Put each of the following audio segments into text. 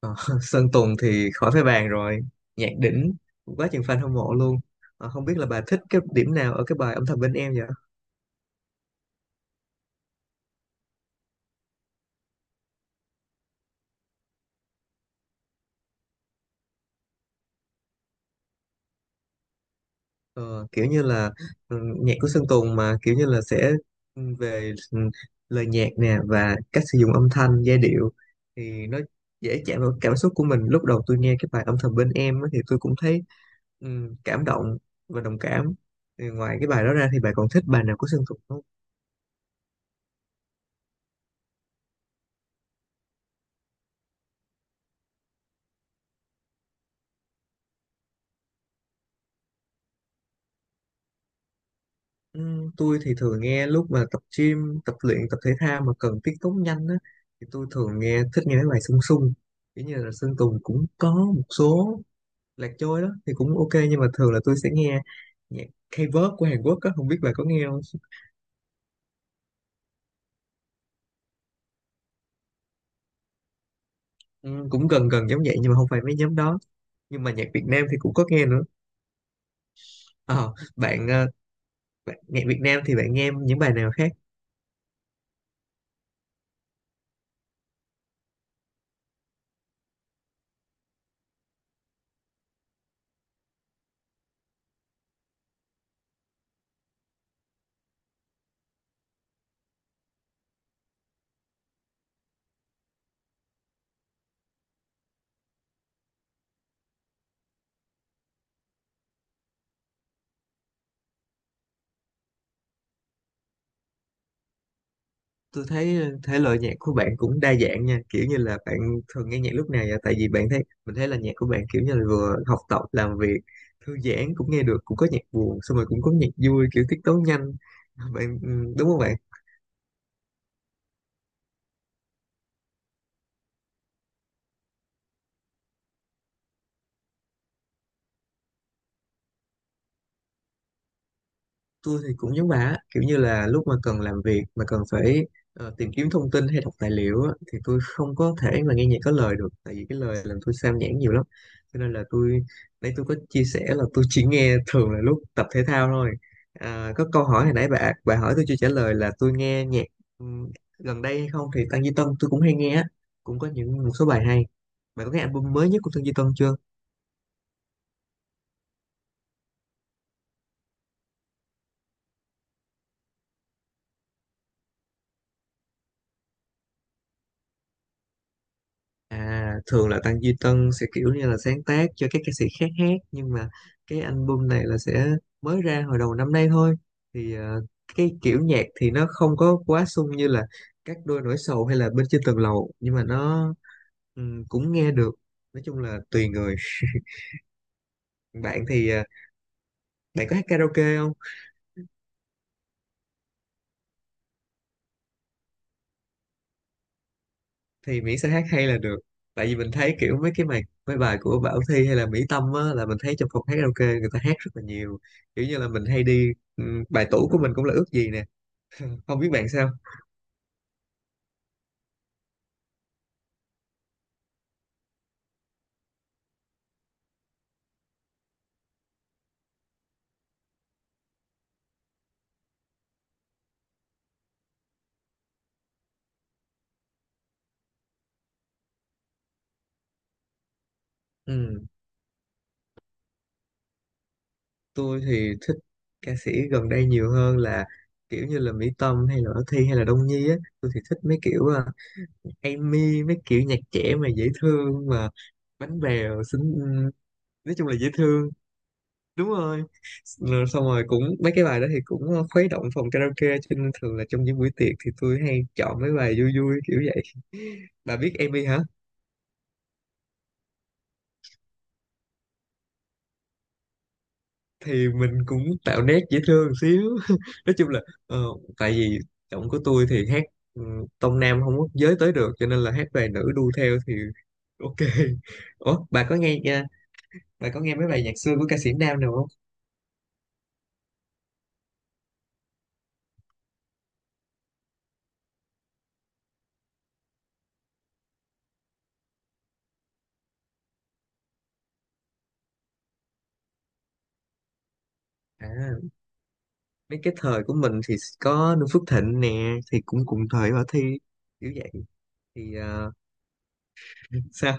Ờ, Sơn Tùng thì khỏi phải bàn rồi, nhạc đỉnh, quá chừng fan hâm mộ luôn. Không biết là bà thích cái điểm nào ở cái bài âm thầm bên em vậy. Ờ, kiểu như là nhạc của Sơn Tùng mà kiểu như là sẽ ừ, về ừ, lời nhạc nè và cách sử dụng âm thanh giai điệu thì nó dễ chạm vào cảm xúc của mình. Lúc đầu tôi nghe cái bài âm thầm bên em á thì tôi cũng thấy ừ, cảm động và đồng cảm. Thì ngoài cái bài đó ra thì bà còn thích bài nào của Sơn Tùng không? Ừ, tôi thì thường nghe lúc mà tập gym, tập luyện, tập thể thao mà cần tiết tấu nhanh á, thì tôi thường nghe, thích nghe mấy bài sung sung. Kiểu như là Sơn Tùng cũng có một số, Lạc Trôi đó thì cũng ok, nhưng mà thường là tôi sẽ nghe nhạc K-pop của Hàn Quốc á, không biết bà có nghe không? Ừ, cũng gần gần giống vậy nhưng mà không phải mấy nhóm đó. Nhưng mà nhạc Việt Nam thì cũng có nghe nữa. Ờ, bạn, ờ, Bạn nhạc Việt Nam thì bạn nghe những bài nào khác? Tôi thấy thể loại nhạc của bạn cũng đa dạng nha. Kiểu như là bạn thường nghe nhạc lúc nào vậy, tại vì bạn thấy mình thấy là nhạc của bạn kiểu như là vừa học tập làm việc thư giãn cũng nghe được, cũng có nhạc buồn, xong rồi cũng có nhạc vui kiểu tiết tấu nhanh, bạn đúng không bạn? Tôi thì cũng giống bà á, kiểu như là lúc mà cần làm việc mà cần phải tìm kiếm thông tin hay đọc tài liệu á, thì tôi không có thể mà nghe nhạc có lời được, tại vì cái lời làm tôi sao nhãng nhiều lắm, cho nên là tôi, nãy tôi có chia sẻ là tôi chỉ nghe thường là lúc tập thể thao thôi. À, có câu hỏi hồi nãy bà hỏi tôi chưa trả lời là tôi nghe nhạc ừm, gần đây hay không thì Tăng Duy Tân tôi cũng hay nghe á, cũng có những một số bài hay. Bà có nghe album mới nhất của Tăng Duy Tân chưa? À, thường là Tăng Duy Tân sẽ kiểu như là sáng tác cho các ca sĩ khác hát, nhưng mà cái album này là sẽ mới ra hồi đầu năm nay thôi. Thì cái kiểu nhạc thì nó không có quá sung như là các đôi nổi sầu hay là bên trên tầng lầu, nhưng mà nó cũng nghe được. Nói chung là tùy người. Bạn thì bạn có hát karaoke không? Thì miễn sao hát hay là được, tại vì mình thấy kiểu mấy cái bài, mấy bài của Bảo Thy hay là Mỹ Tâm á là mình thấy trong phòng hát karaoke người ta hát rất là nhiều. Kiểu như là mình hay đi, bài tủ của mình cũng là ước gì nè, không biết bạn sao? ừ, tôi thì thích ca sĩ gần đây nhiều hơn là kiểu như là Mỹ Tâm hay là Bảo Thy hay là Đông Nhi á. Tôi thì thích mấy kiểu Amy, mấy kiểu nhạc trẻ mà dễ thương, mà bánh bèo xinh, nói chung là dễ thương. Đúng rồi. Rồi xong rồi cũng mấy cái bài đó thì cũng khuấy động phòng karaoke, cho nên thường là trong những buổi tiệc thì tôi hay chọn mấy bài vui vui kiểu vậy. Bà biết Amy hả? Thì mình cũng tạo nét dễ thương xíu. Nói chung là ờ, tại vì giọng của tôi thì hát ừ, tông nam không có giới tới được, cho nên là hát về nữ đu theo thì ok. Ủa bà có nghe nha, bà có nghe mấy bài nhạc xưa của ca sĩ nam nào không? À mấy cái thời của mình thì có Noo Phước Thịnh nè, thì cũng cùng thời bà Thi, kiểu vậy. Thì sao?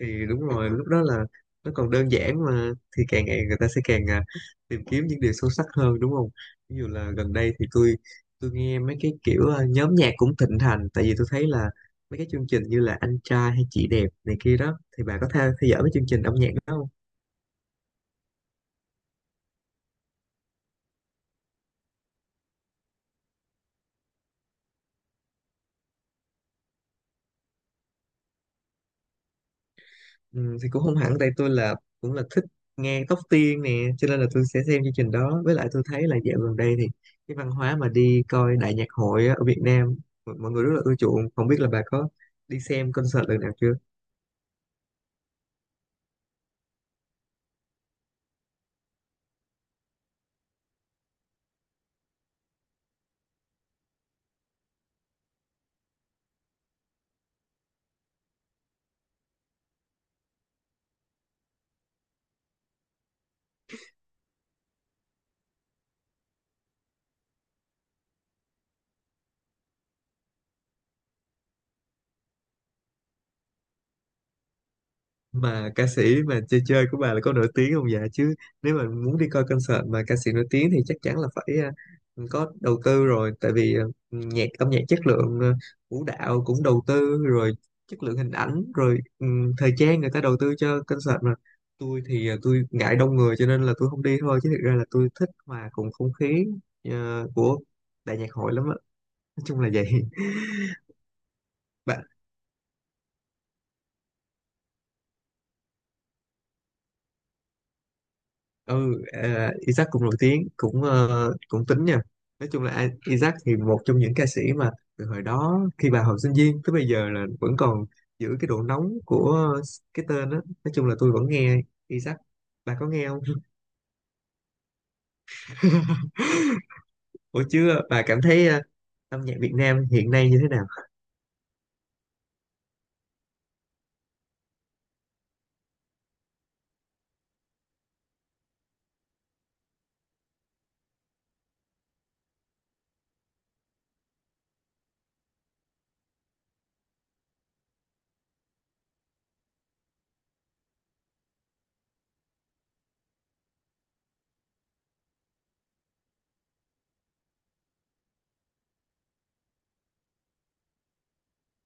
Thì đúng rồi, lúc đó là nó còn đơn giản mà, thì càng ngày người ta sẽ càng tìm kiếm những điều sâu sắc hơn, đúng không? Ví dụ là gần đây thì tôi nghe mấy cái kiểu nhóm nhạc cũng thịnh hành, tại vì tôi thấy là mấy cái chương trình như là anh trai hay chị đẹp này kia đó, thì bà có theo theo dõi mấy chương trình âm nhạc đó không? Ừ, thì cũng không hẳn, tại tôi là cũng là thích nghe Tóc Tiên nè, cho nên là tôi sẽ xem chương trình đó. Với lại tôi thấy là dạo gần đây thì cái văn hóa mà đi coi đại nhạc hội á, ở Việt Nam mọi mọi người rất là ưa chuộng, không biết là bà có đi xem concert lần nào chưa? Mà ca sĩ mà chơi chơi của bà là có nổi tiếng không dạ chứ? Nếu mà muốn đi coi concert mà ca sĩ nổi tiếng thì chắc chắn là phải có đầu tư rồi, tại vì ờ, nhạc âm nhạc chất lượng, vũ đạo cũng đầu tư rồi, chất lượng hình ảnh rồi thời trang, người ta đầu tư cho concert mà. Tôi thì tôi ngại đông người, cho nên là tôi không đi thôi, chứ thực ra là tôi thích hòa cùng không khí của đại nhạc hội lắm á. Nói chung là vậy. Ừ à, Isaac cũng nổi tiếng, cũng cũng tính nha. Nói chung là Isaac thì một trong những ca sĩ mà từ hồi đó khi bà học sinh viên tới bây giờ là vẫn còn giữ cái độ nóng của cái tên đó. Nói chung là tôi vẫn nghe Isaac, bà có nghe không? Ủa chưa, bà cảm thấy âm nhạc Việt Nam hiện nay như thế nào?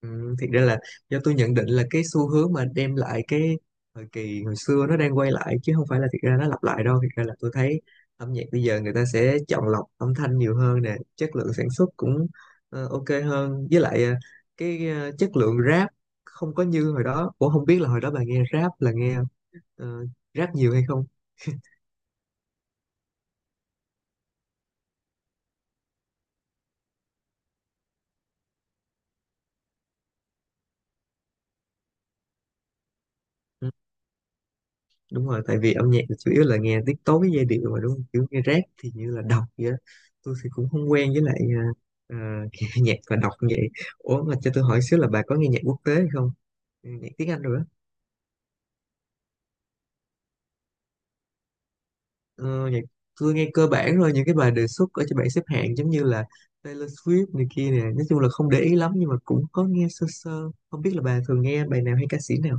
Ừ, thiệt ra là do tôi nhận định là cái xu hướng mà đem lại cái thời kỳ hồi xưa nó đang quay lại, chứ không phải là thiệt ra nó lặp lại đâu. Thiệt ra là tôi thấy âm nhạc bây giờ người ta sẽ chọn lọc âm thanh nhiều hơn nè, chất lượng sản xuất cũng ok hơn, với lại chất lượng rap không có như hồi đó. Cũng không biết là hồi đó bà nghe rap là nghe ờ, rap nhiều hay không? Đúng rồi, tại vì âm nhạc thì chủ yếu là nghe tiết tấu với giai điệu mà, đúng không? Kiểu nghe rap thì như là đọc vậy đó. Tôi thì cũng không quen, với lại à, nghe nhạc và đọc như vậy. Ủa mà cho tôi hỏi xíu là bà có nghe nhạc quốc tế hay không, nhạc tiếng Anh rồi đó. Ờ, nhạc Tôi nghe cơ bản rồi những cái bài đề xuất ở trên bảng xếp hạng, giống như là Taylor Swift này kia nè. Nói chung là không để ý lắm, nhưng mà cũng có nghe sơ sơ. Không biết là bà thường nghe bài nào hay ca sĩ nào?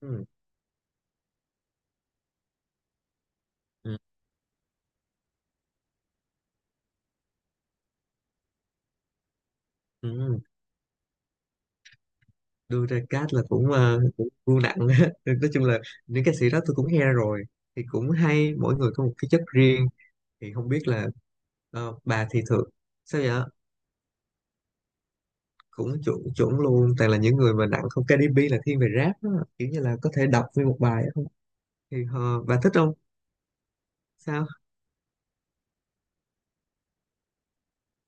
Ừ. Ừ. Ừ. Đưa ra cát là cũng cũng vô nặng á. Nói chung là những ca sĩ đó tôi cũng nghe rồi, thì cũng hay, mỗi người có một cái chất riêng. Thì không biết là bà thì thường sao vậy? Cũng chuẩn chuẩn luôn, toàn là những người mà nặng không. Cardi B là thiên về rap đó, kiểu như là có thể đọc nguyên một bài á. Không thì bà thích không? Sao?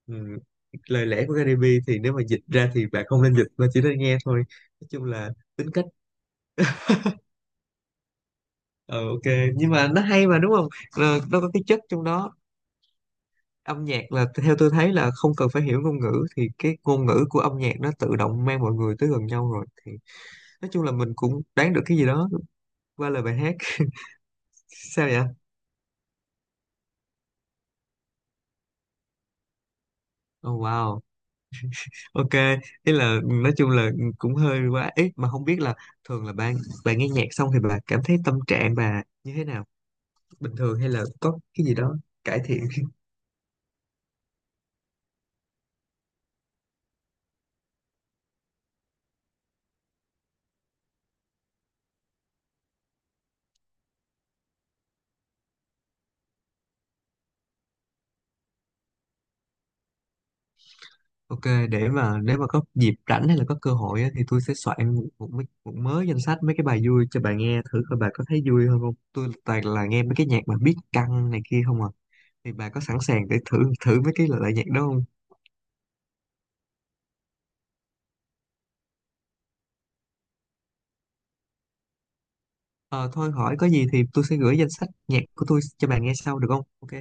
Ừ. Lời lẽ của Cardi B thì nếu mà dịch ra thì bà không nên dịch mà chỉ nên nghe thôi. Nói chung là tính cách ờ ok, nhưng mà nó hay mà đúng không? Ờ, nó có cái chất trong đó. Âm nhạc là theo tôi thấy là không cần phải hiểu ngôn ngữ, thì cái ngôn ngữ của âm nhạc nó tự động mang mọi người tới gần nhau rồi. Thì nói chung là mình cũng đoán được cái gì đó qua lời bài hát. Sao vậy? Oh wow, ok. Ý là nói chung là cũng hơi quá ít, mà không biết là thường là bạn bạn nghe nhạc xong thì bạn cảm thấy tâm trạng bà như thế nào, bình thường hay là có cái gì đó cải thiện? Ok, để mà nếu mà có dịp rảnh hay là có cơ hội á, thì tôi sẽ soạn một mớ danh sách mấy cái bài vui cho bà nghe thử coi bà có thấy vui hơn không. Tôi toàn là nghe mấy cái nhạc mà beat căng này kia không à. Thì bà có sẵn sàng để thử thử mấy cái loại nhạc đó không? Ờ thôi hỏi có gì thì tôi sẽ gửi danh sách nhạc của tôi cho bà nghe sau được không? Ok.